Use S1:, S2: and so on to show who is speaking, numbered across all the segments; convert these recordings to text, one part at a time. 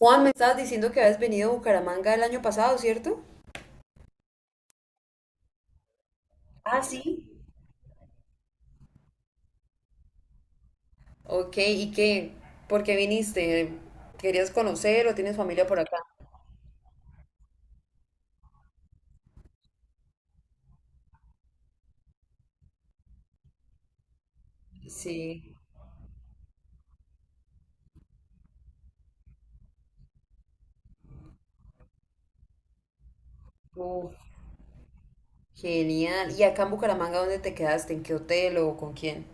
S1: Juan, me estabas diciendo que habías venido a Bucaramanga el año pasado, ¿cierto? Ah, sí. Ok, ¿y qué? ¿Por qué viniste? ¿Querías conocer o tienes familia por acá? Sí. Uf, genial. ¿Y acá en Bucaramanga dónde te quedaste? ¿En qué hotel o con quién?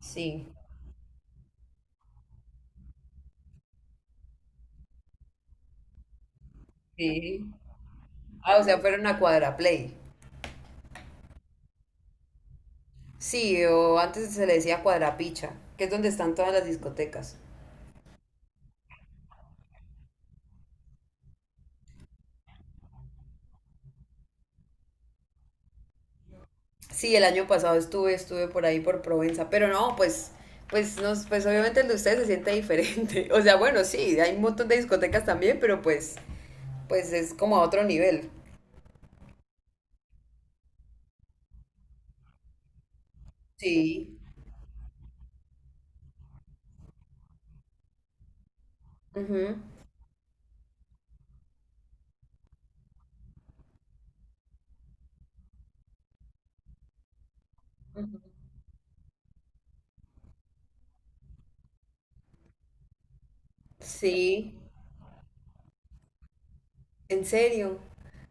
S1: Sí. Sí. Ah, o sea, fueron a Cuadraplay. Sí, o antes se le decía Cuadrapicha, que es donde están todas las discotecas. Sí, el año pasado estuve por ahí por Provenza, pero no, pues obviamente el de ustedes se siente diferente. O sea, bueno, sí, hay un montón de discotecas también, pero pues es como a otro nivel. Sí. Ujú. Sí, en serio.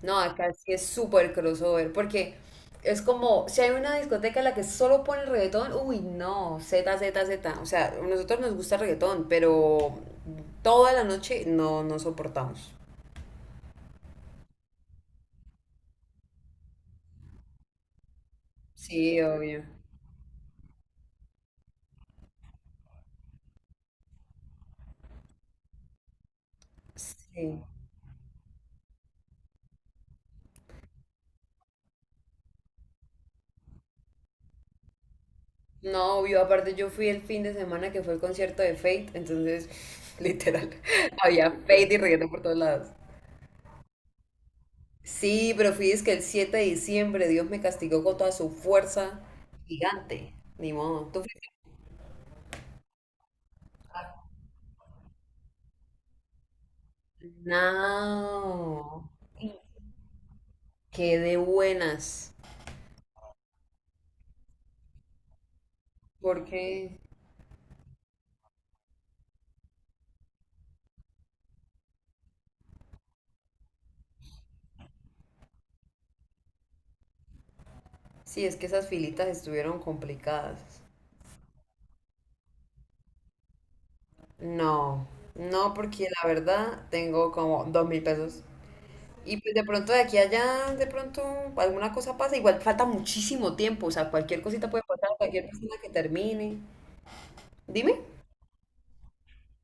S1: No, acá sí es súper crossover, porque es como, si hay una discoteca en la que solo pone reggaetón, uy, no, Z, Z, Z. O sea, a nosotros nos gusta el reggaetón, pero toda la noche no, no soportamos. Sí, obvio. Sí. No, obvio, aparte yo fui el fin de semana que fue el concierto de Fate, entonces, literal, había Fate y reggaetón por todos lados. Sí, pero fui es que el 7 de diciembre Dios me castigó con toda su fuerza gigante. Ni modo. ¿Tú fuiste? No, qué de buenas. Porque sí, es que esas filitas estuvieron complicadas. No, no, porque la verdad tengo como 2.000 pesos. Y pues de pronto de aquí a allá, de pronto alguna cosa pasa. Igual falta muchísimo tiempo, o sea, cualquier cosita puede pasar, cualquier persona que termine. Dime.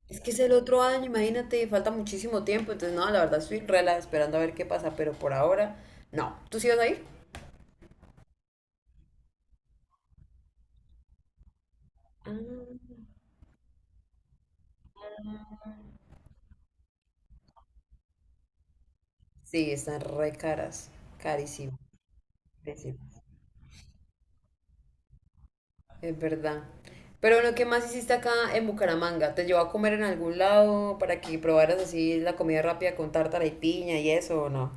S1: Es que es el otro año, imagínate, falta muchísimo tiempo. Entonces, no, la verdad estoy rela esperando a ver qué pasa, pero por ahora, no. ¿Tú sí vas a ir? Ah, sí, están re caras, carísimo, carísimo. Es verdad. Pero bueno, ¿qué más hiciste acá en Bucaramanga? ¿Te llevó a comer en algún lado para que probaras así la comida rápida con tártara y piña y eso o no?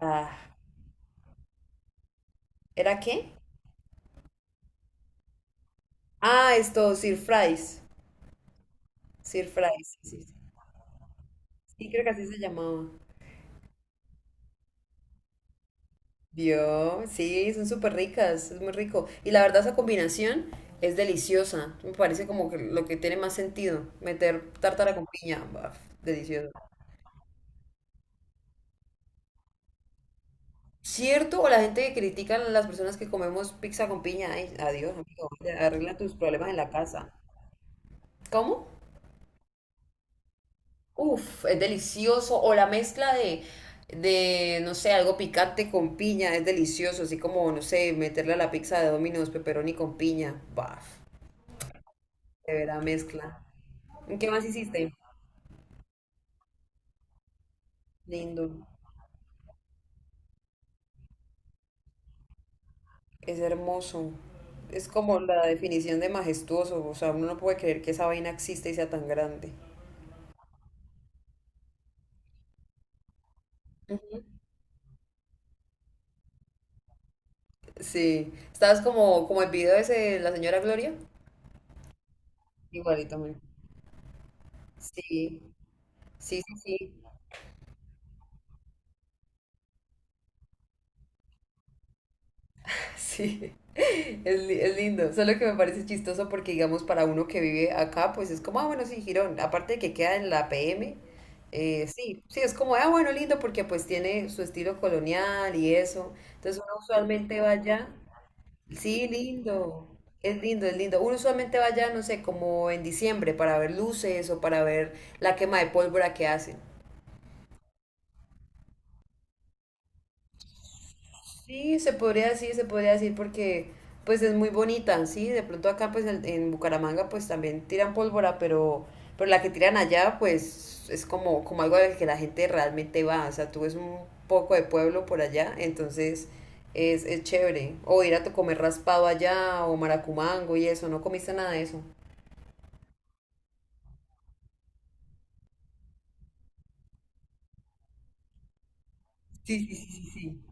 S1: Ah. ¿Era qué? Ah, esto, Sir Fries. Sir Fries, sí, sí. Sí, sí, creo que así se llamaba. Vio, sí, son súper ricas, es muy rico. Y la verdad esa combinación es deliciosa. Me parece como que lo que tiene más sentido, meter tártara con piña. Baf, delicioso. ¿Cierto? O la gente que critica a las personas que comemos pizza con piña. Ay, adiós, amigo. Arregla tus problemas en la casa. ¿Cómo? Uf, es delicioso. O la mezcla de, no sé, algo picante con piña, es delicioso. Así como, no sé, meterle a la pizza de Domino's pepperoni con piña. Baf, de verdad mezcla. ¿Qué más hiciste? Lindo. Es hermoso. Es como la definición de majestuoso. O sea, uno no puede creer que esa vaina exista y sea tan grande. Sí. ¿Estabas como el video ese de la señora Gloria? Igualito, muy. Sí, sí, sí, sí. Sí, es lindo, solo que me parece chistoso porque digamos para uno que vive acá, pues es como, ah, bueno, sí, Girón, aparte de que queda en la PM, sí, sí, es como, ah, bueno, lindo porque pues tiene su estilo colonial y eso, entonces uno usualmente va allá, sí, lindo, es lindo, es lindo, uno usualmente va allá, no sé, como en diciembre para ver luces o para ver la quema de pólvora que hacen. Sí, se podría decir porque pues es muy bonita, sí, de pronto acá pues en, Bucaramanga pues también tiran pólvora, pero la que tiran allá pues es como algo al que la gente realmente va, o sea, tú ves un poco de pueblo por allá, entonces es chévere, o ir a comer raspado allá o maracumango y eso, no comiste nada de eso. Sí, sí, sí, sí, sí.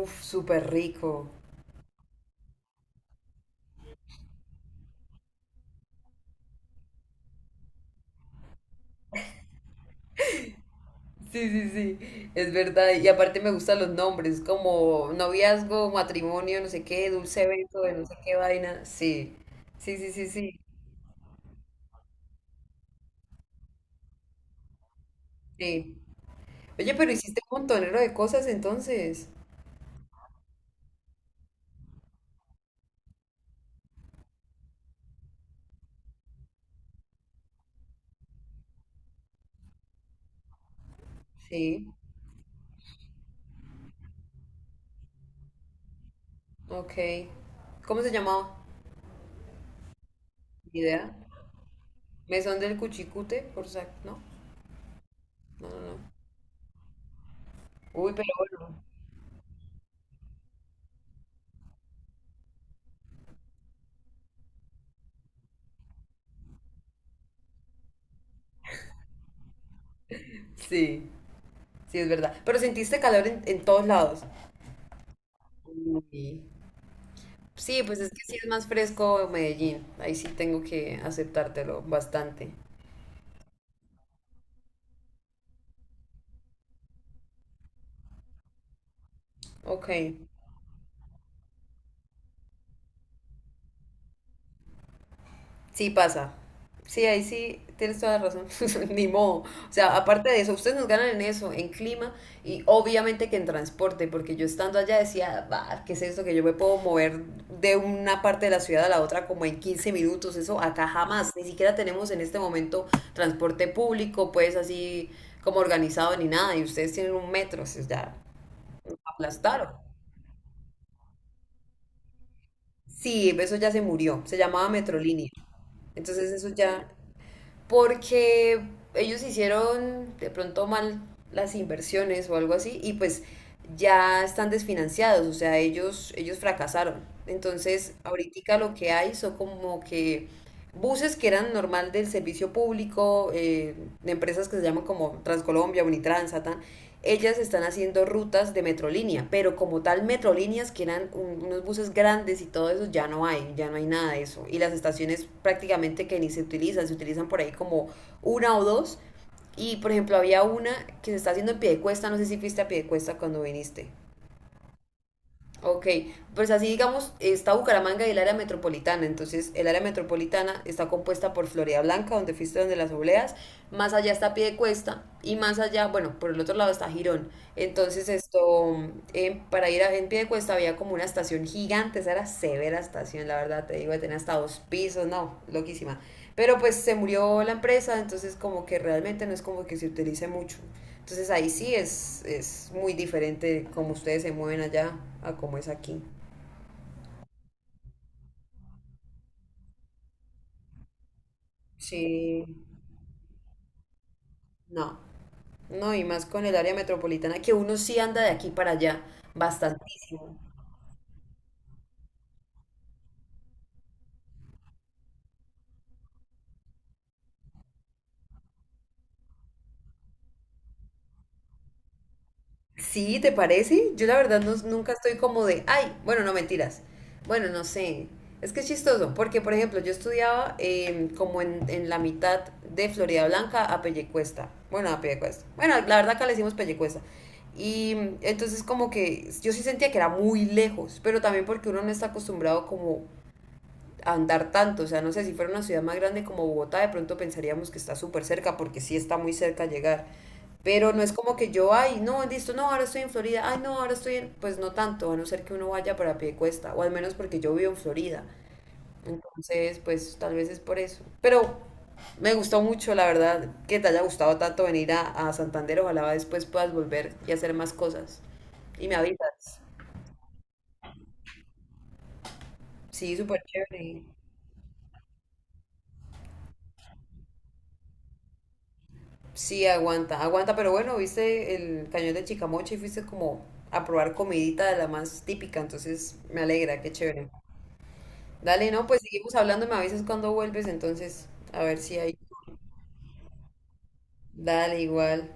S1: Uf, súper rico. Sí, sí, sí, es verdad. Y aparte me gustan los nombres, como noviazgo, matrimonio, no sé qué, dulce beso, de no sé qué vaina. Sí, sí, sí, sí, sí, sí. Oye, pero hiciste un montonero de cosas entonces. Sí, ok. ¿Cómo se llamaba? Ni idea. Mesón del Cuchicute, por sac, ¿no? No, no, no. Uy, pero bueno. Sí, sí, es verdad. Pero sentiste calor en todos lados. Uy. Sí, pues es que sí es más fresco Medellín. Ahí sí tengo que aceptártelo bastante. Ok, sí pasa. Sí, ahí sí tienes toda la razón. Ni modo. O sea, aparte de eso, ustedes nos ganan en eso, en clima y obviamente que en transporte, porque yo estando allá decía, "Bah, ¿qué es esto? Que yo me puedo mover de una parte de la ciudad a la otra como en 15 minutos. Eso acá jamás. Ni siquiera tenemos en este momento transporte público, pues así como organizado ni nada. Y ustedes tienen un metro, o sea, ya aplastaron. Sí, eso ya se murió, se llamaba Metrolínea. Entonces eso ya, porque ellos hicieron de pronto mal las inversiones o algo así y pues ya están desfinanciados, o sea, ellos fracasaron. Entonces, ahorita lo que hay son como que buses que eran normal del servicio público, de empresas que se llaman como Transcolombia, Unitrans, Satán, ellas están haciendo rutas de metrolínea, pero como tal metrolíneas que eran unos buses grandes y todo eso, ya no hay nada de eso. Y las estaciones prácticamente que ni se utilizan, se utilizan por ahí como una o dos. Y por ejemplo, había una que se está haciendo en Piedecuesta, no sé si fuiste a Piedecuesta cuando viniste. Ok, pues así digamos, está Bucaramanga y el área metropolitana. Entonces, el área metropolitana está compuesta por Florida Blanca, donde fuiste donde las obleas, más allá está Piedecuesta y más allá, bueno, por el otro lado está Girón. Entonces, esto, para ir en Piedecuesta había como una estación gigante, esa era severa estación, la verdad, te digo, tenía hasta dos pisos, no, loquísima. Pero pues se murió la empresa, entonces como que realmente no es como que se utilice mucho. Entonces ahí sí es muy diferente cómo ustedes se mueven allá a cómo es aquí. Sí, no, no, y más con el área metropolitana que uno sí anda de aquí para allá, bastantísimo. Sí, ¿te parece? Yo la verdad nunca estoy como de, ay, bueno, no mentiras. Bueno, no sé. Es que es chistoso, porque por ejemplo, yo estudiaba como en, la mitad de Florida Blanca a Pellecuesta. Bueno, a Pellecuesta. Bueno, la verdad acá le decimos Pellecuesta. Y entonces como que yo sí sentía que era muy lejos, pero también porque uno no está acostumbrado como andar tanto, o sea, no sé, si fuera una ciudad más grande como Bogotá, de pronto pensaríamos que está súper cerca, porque sí está muy cerca llegar, pero no es como que yo, ay, no, listo, no, ahora estoy en Florida, ay, no, ahora estoy en, pues no tanto, a no ser que uno vaya para cuesta o al menos porque yo vivo en Florida, entonces, pues tal vez es por eso, pero me gustó mucho, la verdad, que te haya gustado tanto venir a Santander, ojalá después puedas volver y hacer más cosas, y me avisas, sí, súper chévere. Sí, aguanta, aguanta, pero bueno, viste el cañón de Chicamocha y fuiste como a probar comidita de la más típica, entonces me alegra, qué chévere. Dale, no, pues seguimos hablando, me avisas cuando vuelves, entonces, a ver si hay. Dale, igual.